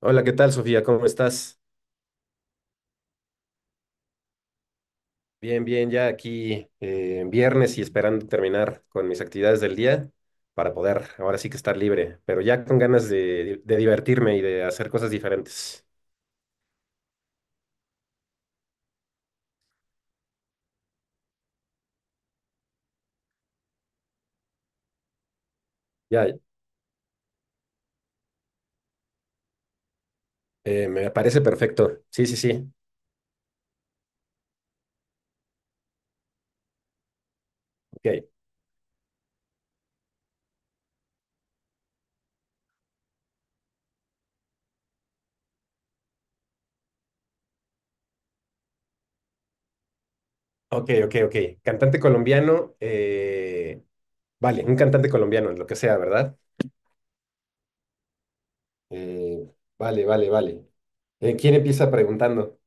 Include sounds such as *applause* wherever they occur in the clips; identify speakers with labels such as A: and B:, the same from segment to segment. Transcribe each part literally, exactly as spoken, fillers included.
A: Hola, ¿qué tal, Sofía? ¿Cómo estás? Bien, bien, ya aquí eh, en viernes y esperando terminar con mis actividades del día para poder ahora sí que estar libre, pero ya con ganas de, de divertirme y de hacer cosas diferentes. Ya, eh, me parece perfecto. Sí, sí, sí. Ok, ok, ok, ok. Cantante colombiano, eh, vale, un cantante colombiano, lo que sea, ¿verdad? Eh, vale, vale, vale. Eh, ¿quién empieza preguntando?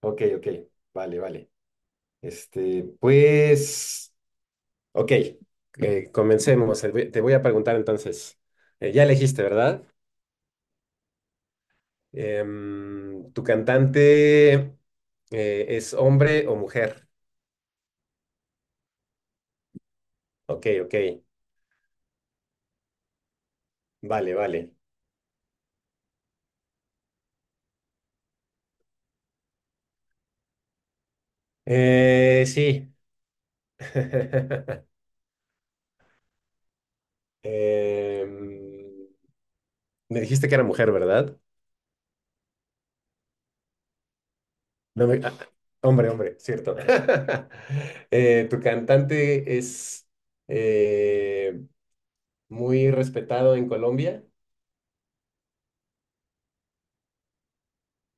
A: Ok, ok, vale, vale. Este, pues. Ok, eh, comencemos. Eh, voy- Te voy a preguntar entonces, eh, ya elegiste, ¿verdad? Em, ¿tu cantante eh, es hombre o mujer? Ok, ok, vale, vale. Eh, sí. *laughs* Em, Me dijiste que era mujer, ¿verdad? No me- Ah, hombre, hombre, cierto. *laughs* Eh, ¿tu cantante es eh, muy respetado en Colombia?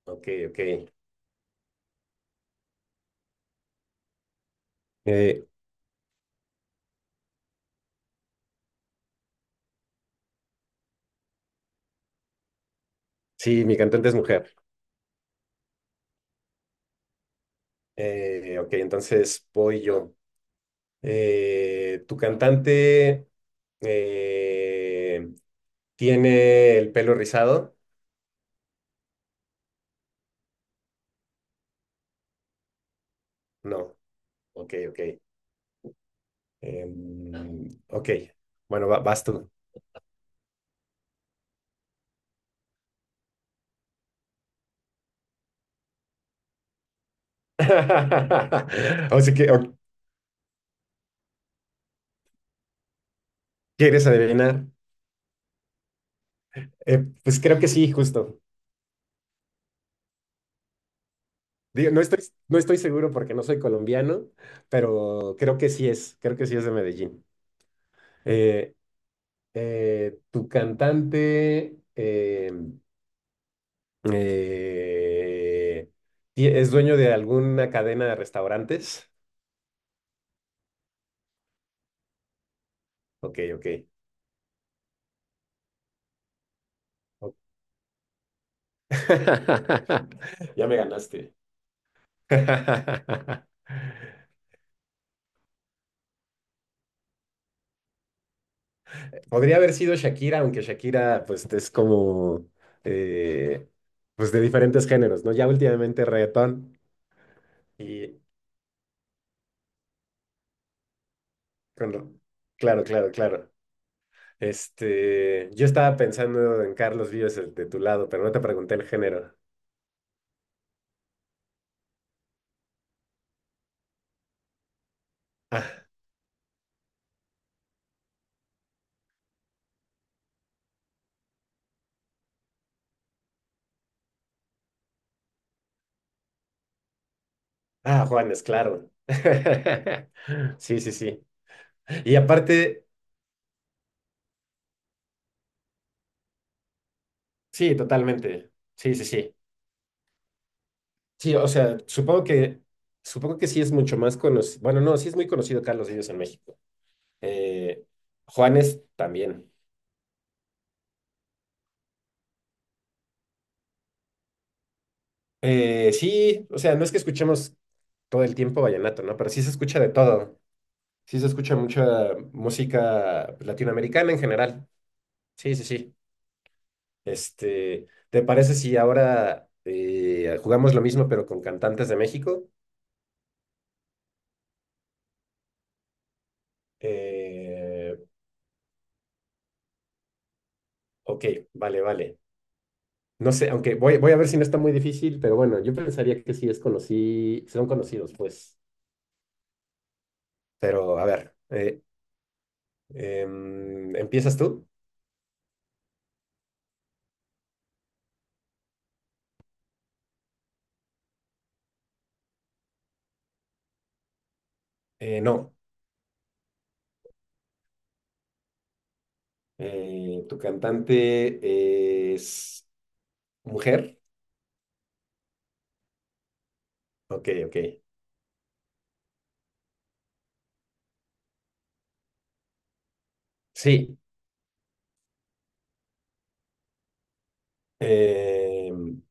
A: Ok, ok. Eh, Sí, mi cantante es mujer. Eh, ok, entonces voy yo. Eh, ¿tu cantante eh, tiene el pelo rizado? No. Ok, ok. Em, ok, bueno, va- vas tú. *laughs* O sea que, o- ¿quieres adivinar? Eh, pues creo que sí, justo. Digo, no estoy, no estoy seguro porque no soy colombiano, pero creo que sí es, creo que sí es de Medellín. Eh, eh, Tu cantante. em, Eh, ¿ti- ¿Es dueño de alguna cadena de restaurantes? Ok, ok. O- *laughs* Ya me ganaste. *laughs* Podría haber sido Shakira, aunque Shakira, pues, es como, eh, pues, de diferentes géneros, ¿no? Ya últimamente reggaetón y, con- claro, claro, claro. Este, yo estaba pensando en Carlos Vives, el de tu lado, pero no te pregunté el género. Ah, Juanes, claro. *laughs* Sí, sí, sí. Y aparte, sí, totalmente. Sí, sí, sí. Sí, o sea, supongo que, supongo que sí es mucho más conocido. Bueno, no, sí es muy conocido Carlos Vives en México. Eh, Juanes también. Eh, sí, o sea, no es que escuchemos todo el tiempo vallenato, ¿no? Pero sí se escucha de todo. Sí se escucha mucha música latinoamericana en general. Sí, sí, sí. Este, ¿te parece si ahora eh, jugamos lo mismo pero con cantantes de México? Eh, ok, vale, vale. No sé, aunque voy, voy a ver si no está muy difícil, pero bueno, yo pensaría que sí es conocí, son conocidos, pues. Pero a ver, eh, em, ¿empiezas tú? Eh, no. Eh, ¿tu cantante es mujer? Ok, ok. Sí. Em,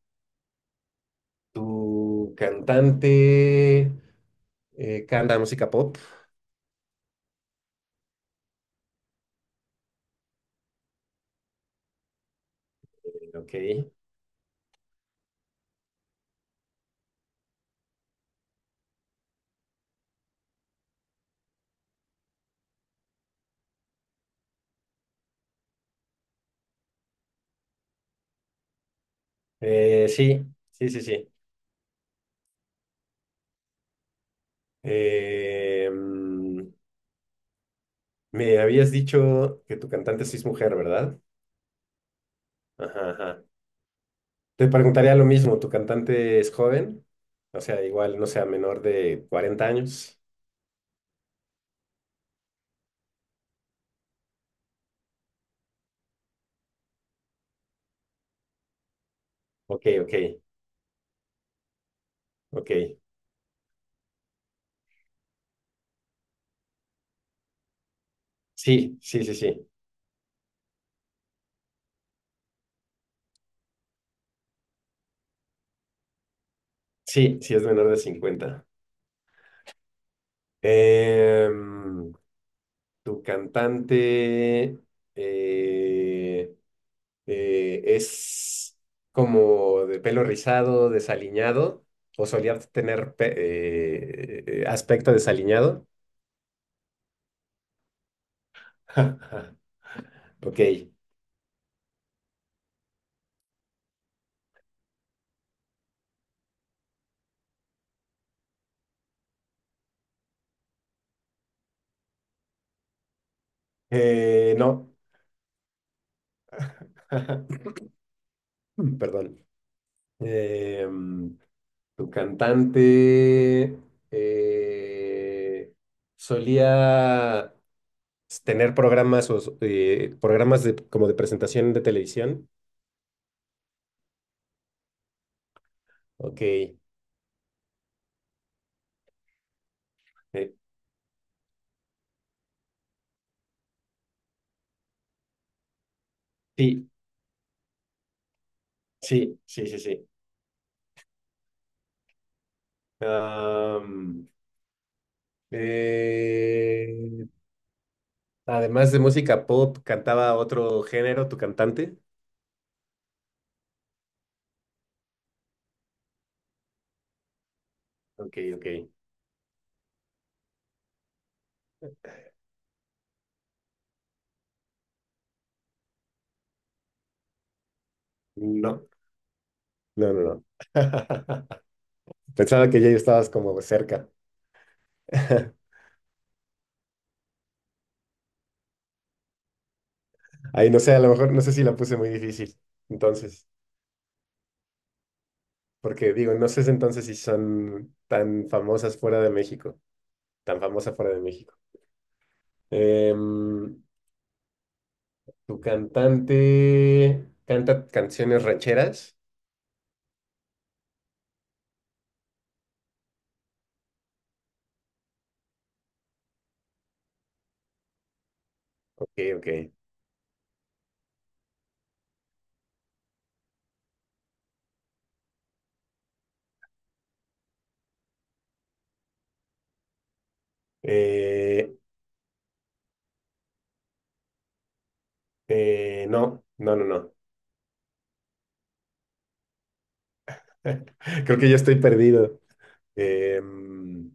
A: ¿Tu cantante eh, canta música pop? Ok. Eh, sí, sí, sí, sí. Eh, mm, Me habías dicho que tu cantante sí es mujer, ¿verdad? Ajá, ajá. Te preguntaría lo mismo, ¿tu cantante es joven? O sea, igual, no sea menor de cuarenta años. Ok, ok, ok. Sí, sí, sí, sí. Sí, sí es menor de cincuenta. Em, Tu cantante. eh, eh, es como de pelo rizado, desaliñado, o solía tener pe- eh, eh, aspecto desaliñado. *laughs* Ok. Eh, no, *laughs* perdón. Em, Tu cantante eh, solía tener programas o s- eh, programas de, como de presentación de televisión. Ok. Eh, sí, sí, sí, sí, sí. Eh, Además de música pop, ¿cantaba otro género tu cantante? Ok, ok. No, no, no, no. *laughs* Pensaba que ya estabas como cerca. *laughs* Ahí no sé, a lo mejor no sé si la puse muy difícil. Entonces, porque digo, no sé si entonces si son tan famosas fuera de México, tan famosa fuera de México. Em, Tu cantante canta canciones rancheras. Ok, ok. Eh, eh, no, no, no, no. *laughs* Creo que ya estoy perdido. Em,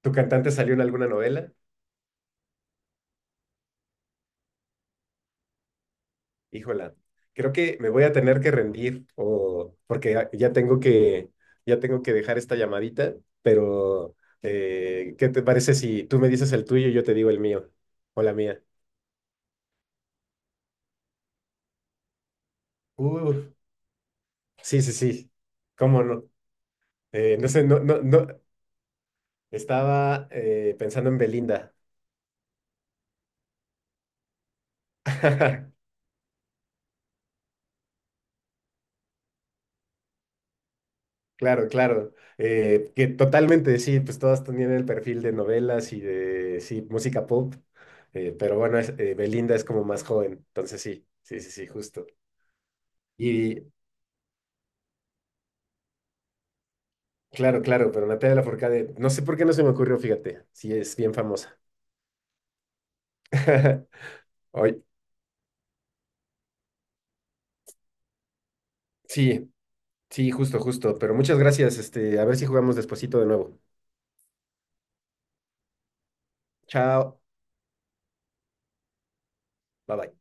A: ¿Tu cantante salió en alguna novela? Híjola, creo que me voy a tener que rendir o porque ya ya tengo que ya tengo que dejar esta llamadita, pero eh, ¿qué te parece si tú me dices el tuyo y yo te digo el mío o la mía? Uh, sí, sí, sí. ¿Cómo no? Eh, no sé, no, no, no. Estaba eh, pensando en Belinda. *laughs* Claro, claro. Eh, que totalmente, sí, pues todas tenían el perfil de novelas y de, sí, música pop, eh, pero bueno, es- eh, Belinda es como más joven, entonces sí, sí, sí, sí, justo. Y claro, claro, pero Natalia Lafourcade, no sé por qué no se me ocurrió, fíjate, sí, es bien famosa. *laughs* Hoy, sí, sí, justo, justo, pero muchas gracias, este, a ver si jugamos despuesito de nuevo. Chao, bye bye.